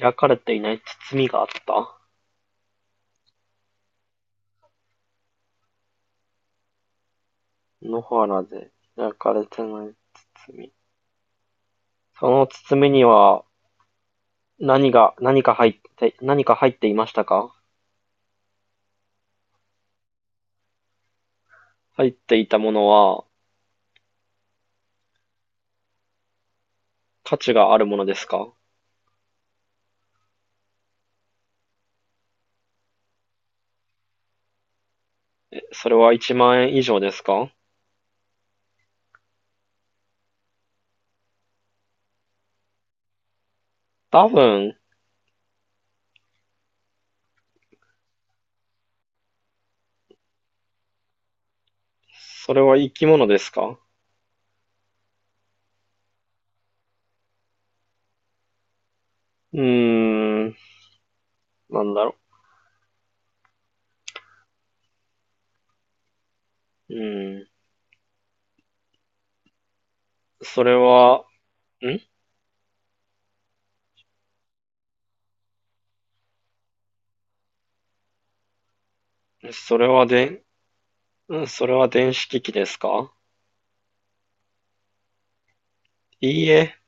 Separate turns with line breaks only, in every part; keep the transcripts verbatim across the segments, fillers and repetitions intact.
開かれていない包みがあった。野原で開かれてない包み。その包みには何が、何か入って、何か入っていましたか？入っていたものは価値があるものですか？それはいちまん円以上ですか？多分、それは生き物ですか？うーん、なんだろう。うーん、それは、んそれはで、それは電子機器ですか？いいえ、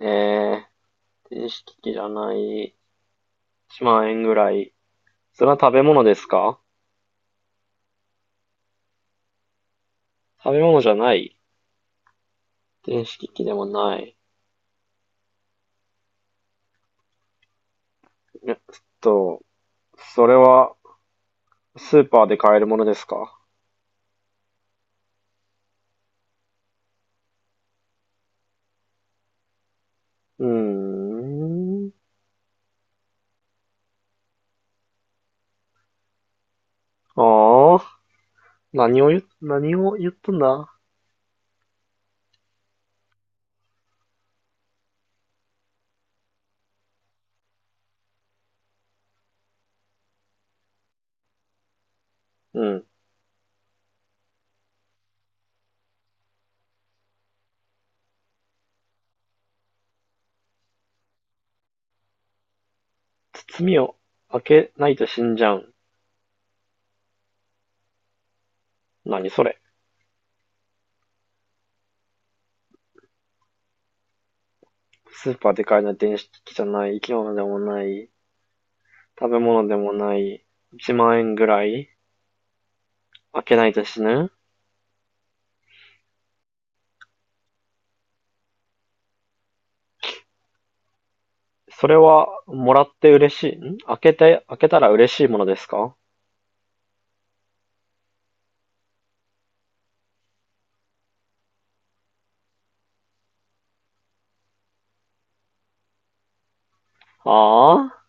えー、電子機器じゃない。いちまん円ぐらい。それは食べ物ですか？食べ物じゃない。電子機器でもない。えっと、それはスーパーで買えるものですか？うーん。ああ、何を言、何を言ったんだ？うん。包みを開けないと死んじゃう。何それ。スーパーで買えない電子機器じゃない。生き物でもない。食べ物でもない。いちまん円ぐらい。開けないと死ぬ。それは、もらって嬉しいん開けて、開けたら嬉しいものですか？ああ、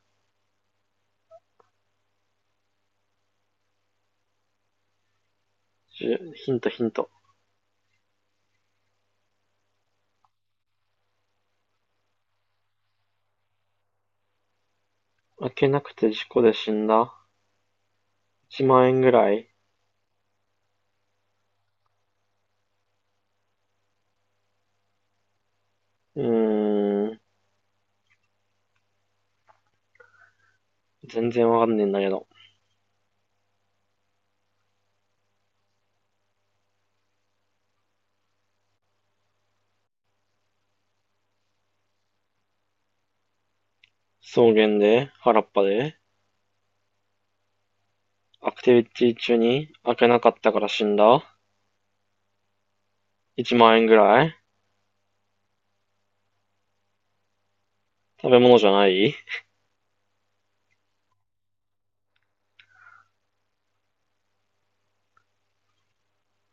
じゅヒントヒント。開けなくて事故で死んだ ?いち 万円ぐらい。うーん。全然わかんねえんだけど。草原で、原っぱで、アクティビティ中に開けなかったから死んだ ?いち 万円ぐらい。食べ物じゃない。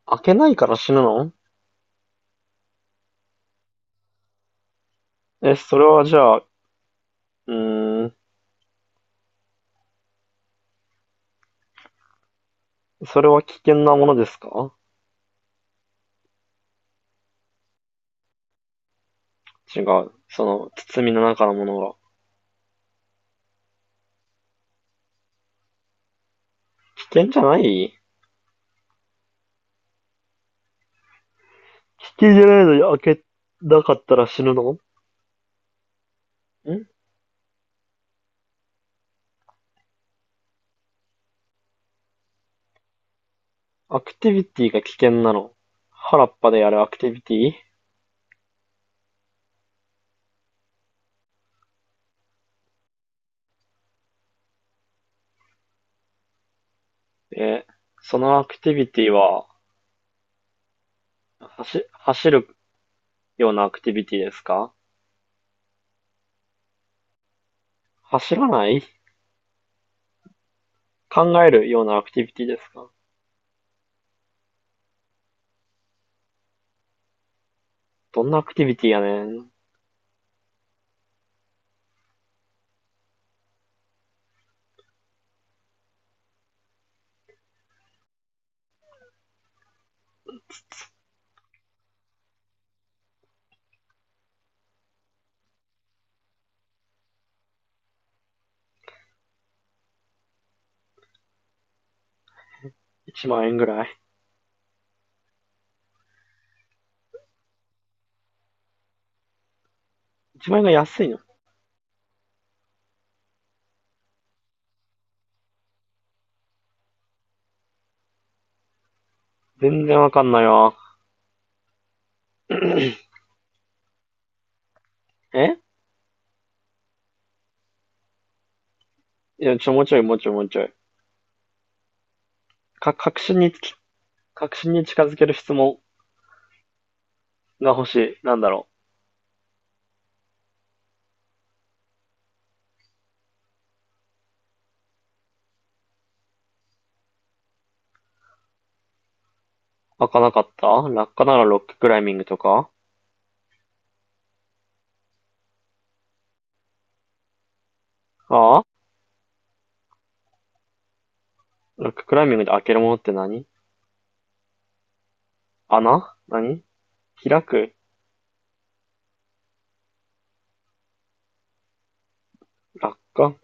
開けないから死ぬの？え、それはじゃあ、うーん、それは危険なものですか？違う。その、包みの中のものが。危険じゃない。危険じゃないのに開けなかったら死ぬのん？アクティビティが危険なの？原っぱでやるアクティビティ？え、そのアクティビティは、走、走るようなアクティビティですか？走らない。考えるようなアクティビティですか？どんなアクティビティやねん ?いち 万円ぐらい ?いち 万円が安いの？全然わかんないわ。えいや、ちょ、もうちょい、もうちょい、もうちょい。か、確信につき、確信に近づける質問が欲しい。なんだろう。開かなかった落下ならロッククライミングとか。ああ。ロッククライミングで開けるものって何？穴？何？開く？落下？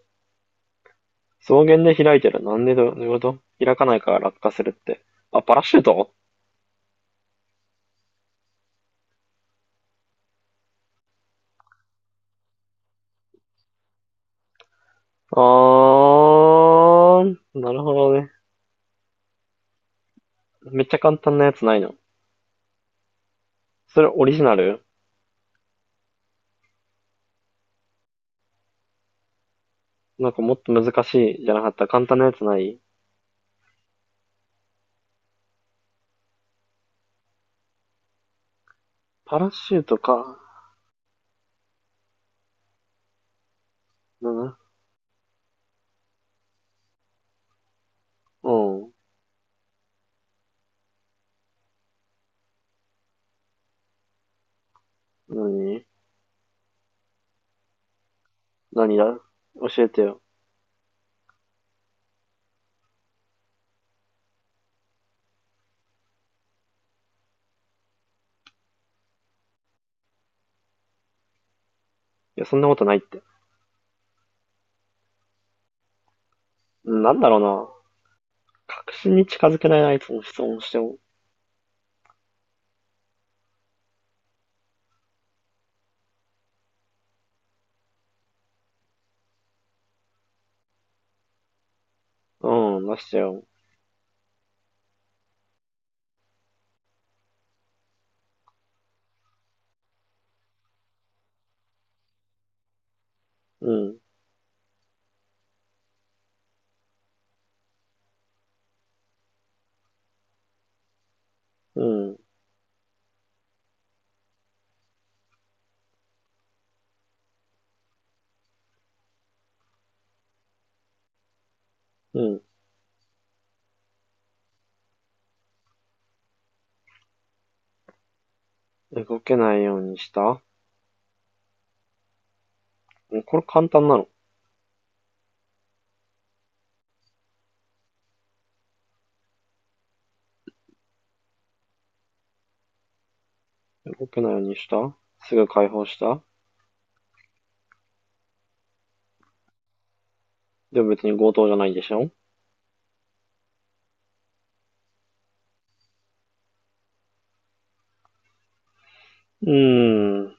草原で開いてる。なんでど、ういうこと。開かないから落下するって。あ、パラシュート。あー、なるほどね。めっちゃ簡単なやつないの？それオリジナル？なんかもっと難しいじゃなかった。簡単なやつない？パラシュートか。なな。うん。なになにだ、教えてよ。いや、そんなことないって。なんだろうな。確信に近づけない相手の質問をしても、うん、出してよ。うん、うん、うん。動けないようにした。うこれ簡単なの？動けないようにした。すぐ解放した。でも別に強盗じゃないでしょ？うーん。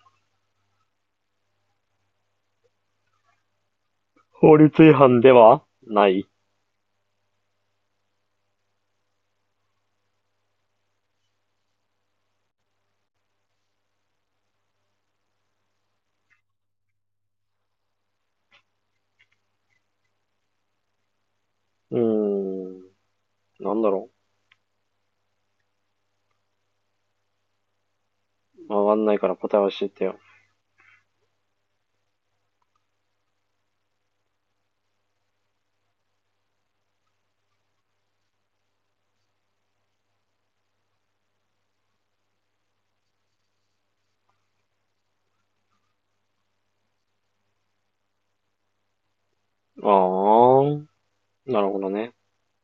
法律違反ではない。うーん。なんだろう。わかんないから答え教えてよ。あー。なるほどね。